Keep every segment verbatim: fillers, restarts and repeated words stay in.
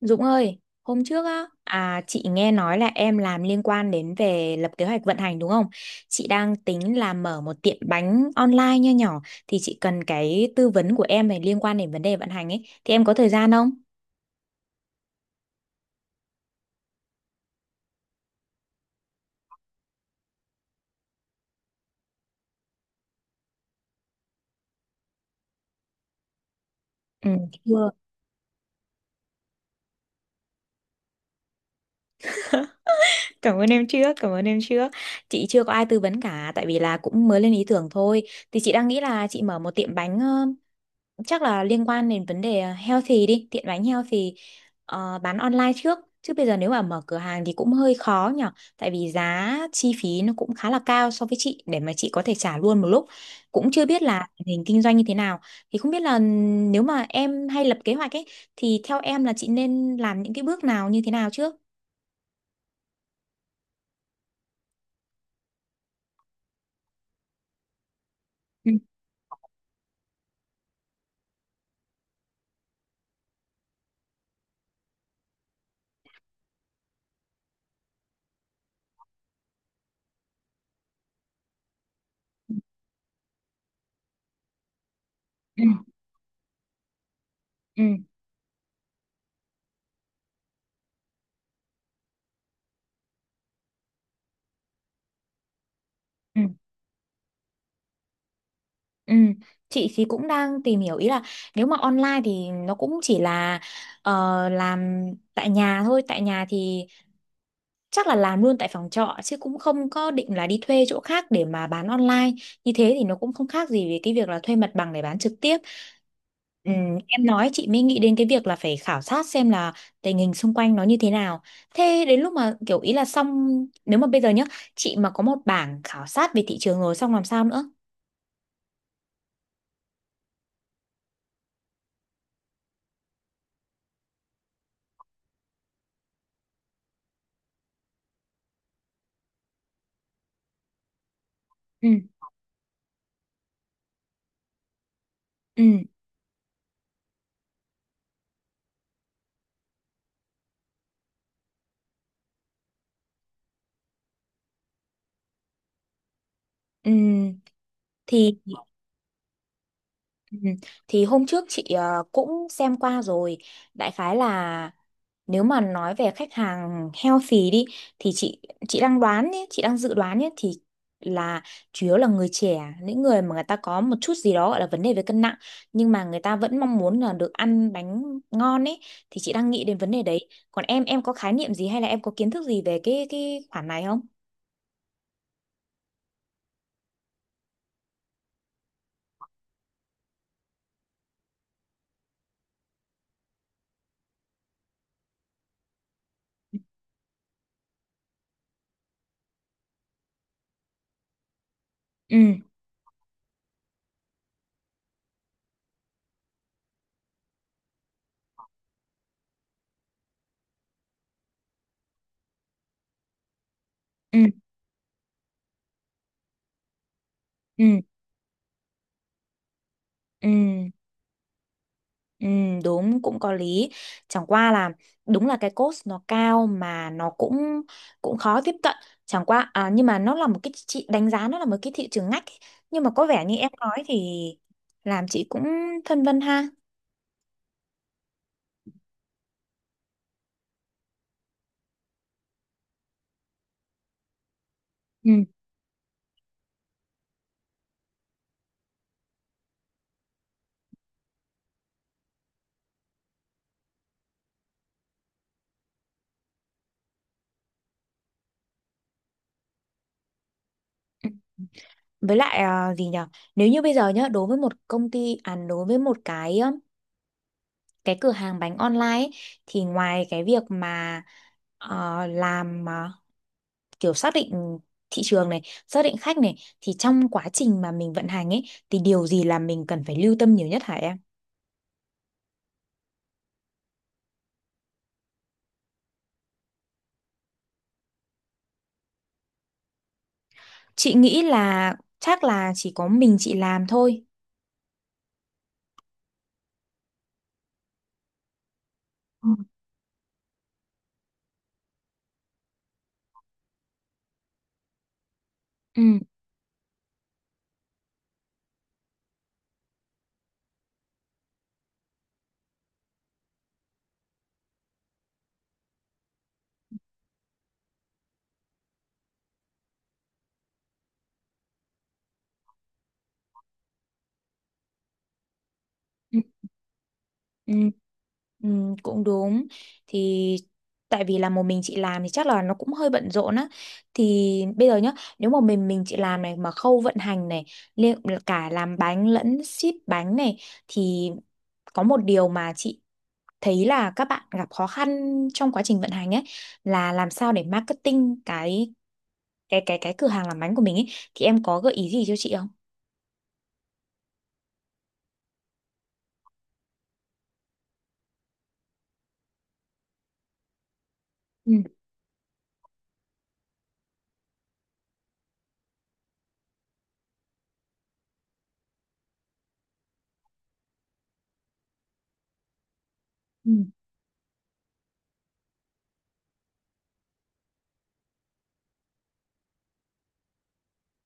Dũng ơi, hôm trước á, à, chị nghe nói là em làm liên quan đến về lập kế hoạch vận hành đúng không? Chị đang tính là mở một tiệm bánh online nho nhỏ, thì chị cần cái tư vấn của em về liên quan đến vấn đề vận hành ấy. Thì em có thời gian không? Ừ, chưa. Cảm ơn em trước, cảm ơn em trước. Chị chưa có ai tư vấn cả tại vì là cũng mới lên ý tưởng thôi. Thì chị đang nghĩ là chị mở một tiệm bánh, chắc là liên quan đến vấn đề ờ, healthy đi, tiện bánh healthy, ờ, bán online trước chứ bây giờ nếu mà mở cửa hàng thì cũng hơi khó nhở, tại vì giá chi phí nó cũng khá là cao so với chị để mà chị có thể trả luôn một lúc, cũng chưa biết là tình hình kinh doanh như thế nào. Thì không biết là nếu mà em hay lập kế hoạch ấy thì theo em là chị nên làm những cái bước nào như thế nào trước? Ừ, ừ, ừ, ừ. Ừ, chị thì cũng đang tìm hiểu, ý là nếu mà online thì nó cũng chỉ là ờ, làm tại nhà thôi, tại nhà thì chắc là làm luôn tại phòng trọ chứ cũng không có định là đi thuê chỗ khác để mà bán online, như thế thì nó cũng không khác gì với cái việc là thuê mặt bằng để bán trực tiếp. Ừ, em nói chị mới nghĩ đến cái việc là phải khảo sát xem là tình hình xung quanh nó như thế nào. Thế đến lúc mà kiểu ý là xong, nếu mà bây giờ nhá, chị mà có một bảng khảo sát về thị trường rồi xong làm sao nữa? Ừ. Ừ. Ừ. Thì ừ, thì hôm trước chị ờ, cũng xem qua rồi, đại khái là nếu mà nói về khách hàng healthy đi thì chị chị đang đoán nhé, chị đang dự đoán nhé, thì là chủ yếu là người trẻ, những người mà người ta có một chút gì đó gọi là vấn đề về cân nặng, nhưng mà người ta vẫn mong muốn là được ăn bánh ngon ấy. Thì chị đang nghĩ đến vấn đề đấy, còn em em có khái niệm gì hay là em có kiến thức gì về cái cái khoản này không? Ừ. Ừ. Ừ. Ừ. Ừ, đúng, cũng có lý. Chẳng qua là đúng là cái cost nó cao mà nó cũng cũng khó tiếp cận. Chẳng qua à, nhưng mà nó là một cái chị đánh giá nó là một cái thị trường ngách ấy. Nhưng mà có vẻ như em nói thì làm chị cũng phân vân ha. Ừ. Ừ. Với lại à, gì nhở, nếu như bây giờ nhá, đối với một công ty, à đối với một cái um, cái cửa hàng bánh online ấy, thì ngoài cái việc mà ờ, làm ờ, kiểu xác định thị trường này, xác định khách này, thì trong quá trình mà mình vận hành ấy thì điều gì là mình cần phải lưu tâm nhiều nhất hả em? Chị nghĩ là chắc là chỉ có mình chị làm thôi. Ừ. Ừ. Ừ. Ừ, ừ, cũng đúng. Thì tại vì là một mình chị làm thì chắc là nó cũng hơi bận rộn á, thì bây giờ nhá, nếu mà mình mình chị làm này mà khâu vận hành này, liệu cả làm bánh lẫn ship bánh này, thì có một điều mà chị thấy là các bạn gặp khó khăn trong quá trình vận hành ấy là làm sao để marketing cái cái cái cái cửa hàng làm bánh của mình ấy thì em có gợi ý gì cho chị không? Ừ, ừ,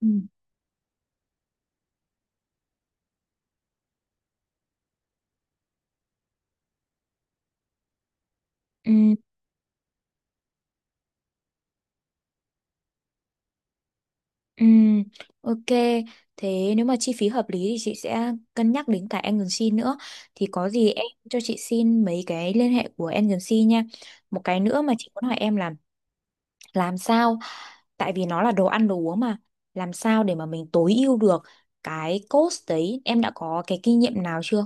ừ. Ừ. Ừm, ok. Thế nếu mà chi phí hợp lý thì chị sẽ cân nhắc đến cả agency nữa. Thì có gì em cho chị xin mấy cái liên hệ của agency nha. Một cái nữa mà chị muốn hỏi em là, làm sao, tại vì nó là đồ ăn đồ uống mà, làm sao để mà mình tối ưu được cái cost đấy, em đã có cái kinh nghiệm nào chưa?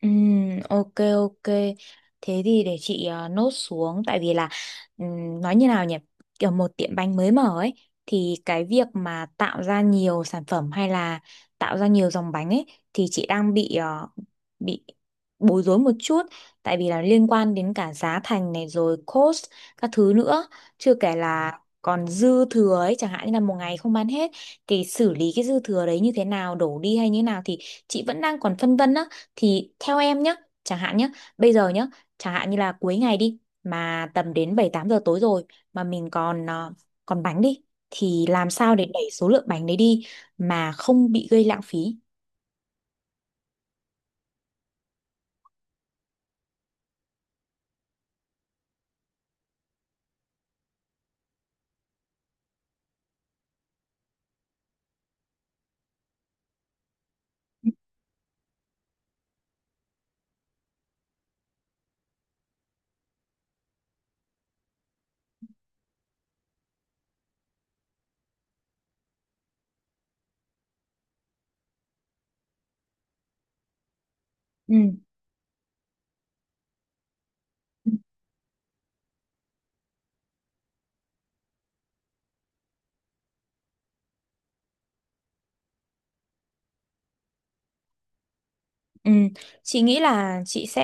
Ừm, ok, ok, thế thì để chị ờ, nốt xuống. Tại vì là ừm, nói như nào nhỉ, kiểu một tiệm bánh mới mở ấy thì cái việc mà tạo ra nhiều sản phẩm hay là tạo ra nhiều dòng bánh ấy thì chị đang bị ờ, bị bối rối một chút, tại vì là liên quan đến cả giá thành này rồi cost các thứ nữa, chưa kể là còn dư thừa ấy, chẳng hạn như là một ngày không bán hết thì xử lý cái dư thừa đấy như thế nào, đổ đi hay như thế nào, thì chị vẫn đang còn phân vân á. Thì theo em nhá, chẳng hạn nhá, bây giờ nhá, chẳng hạn như là cuối ngày đi, mà tầm đến bảy tám giờ tối rồi mà mình còn ờ, còn bánh đi thì làm sao để đẩy số lượng bánh đấy đi mà không bị gây lãng phí? Ừ. Ừ, chị nghĩ là chị sẽ,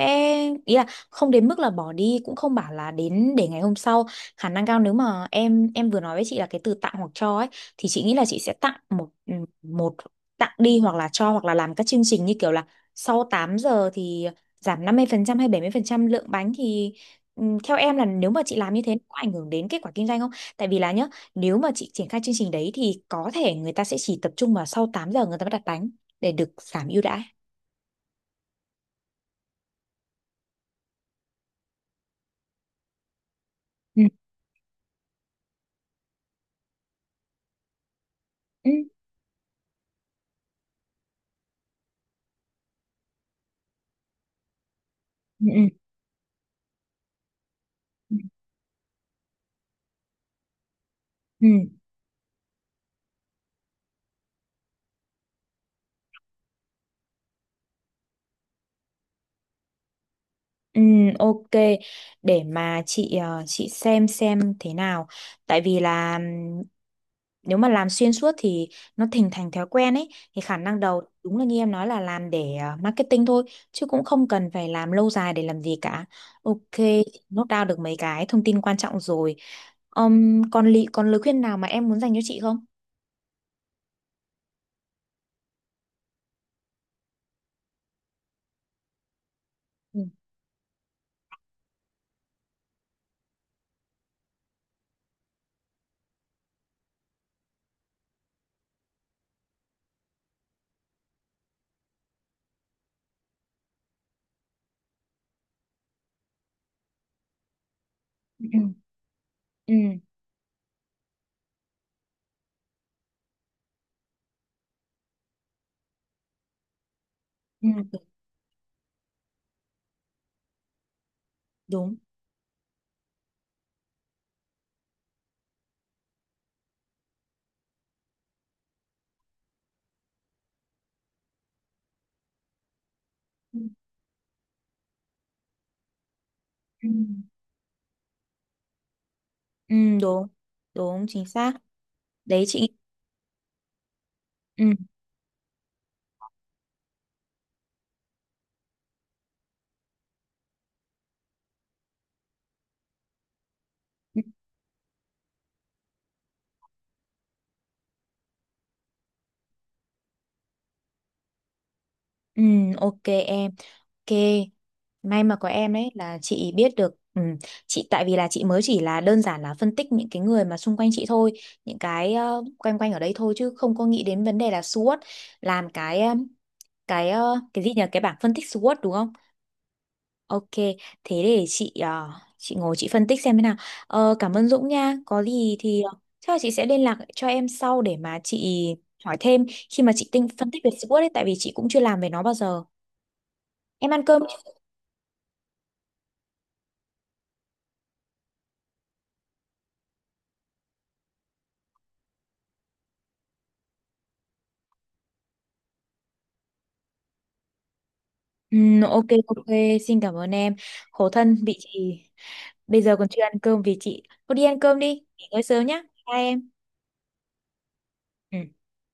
ý là không đến mức là bỏ đi cũng không bảo là đến để ngày hôm sau. Khả năng cao nếu mà em em vừa nói với chị là cái từ tặng hoặc cho ấy thì chị nghĩ là chị sẽ tặng một ừ, một tặng đi hoặc là cho hoặc là làm các chương trình như kiểu là sau tám giờ thì giảm năm mươi phần trăm hay bảy mươi phần trăm lượng bánh thì ừ, theo em là nếu mà chị làm như thế có ảnh hưởng đến kết quả kinh doanh không? Tại vì là nhá, nếu mà chị triển khai chương trình đấy thì có thể người ta sẽ chỉ tập trung vào sau tám giờ người ta mới đặt bánh để được giảm ưu đãi. Ừ. Ừ. Ừ. Ừ. Ừ, ok, để mà chị ờ, chị xem xem thế nào, tại vì là ừm, nếu mà làm xuyên suốt thì nó thành thành thói quen ấy, thì khả năng đầu đúng là như em nói là làm để ờ, marketing thôi chứ cũng không cần phải làm lâu dài để làm gì cả. Ok, nốt down được mấy cái thông tin quan trọng rồi. Ừm, còn lý còn lời khuyên nào mà em muốn dành cho chị không? Ừ. Ừ. Ừ. Ừ, đúng. Ừ, ừ, đúng, đúng chính xác đấy chị. Ừ, ừ, ừ, ok em, ok. May mà có em đấy là chị biết được, ừ, chị tại vì là chị mới chỉ là đơn giản là phân tích những cái người mà xung quanh chị thôi, những cái ờ, quanh quanh ở đây thôi chứ không có nghĩ đến vấn đề là SWOT, làm cái ờ, cái ờ, cái gì nhỉ, cái bảng phân tích SWOT đúng không? Ok, thế để chị ờ, chị ngồi chị phân tích xem thế nào. Ờ, cảm ơn Dũng nha. Có gì thì ờ, chắc là chị sẽ liên lạc cho em sau để mà chị hỏi thêm khi mà chị tinh phân tích về SWOT ấy, tại vì chị cũng chưa làm về nó bao giờ. Em ăn cơm chưa? Ừm, ok, ok, xin cảm ơn em. Khổ thân bị chị bây giờ còn chưa ăn cơm vì chị. Cô đi ăn cơm đi, nghỉ ngơi sớm nhá. Bye em. Ừ.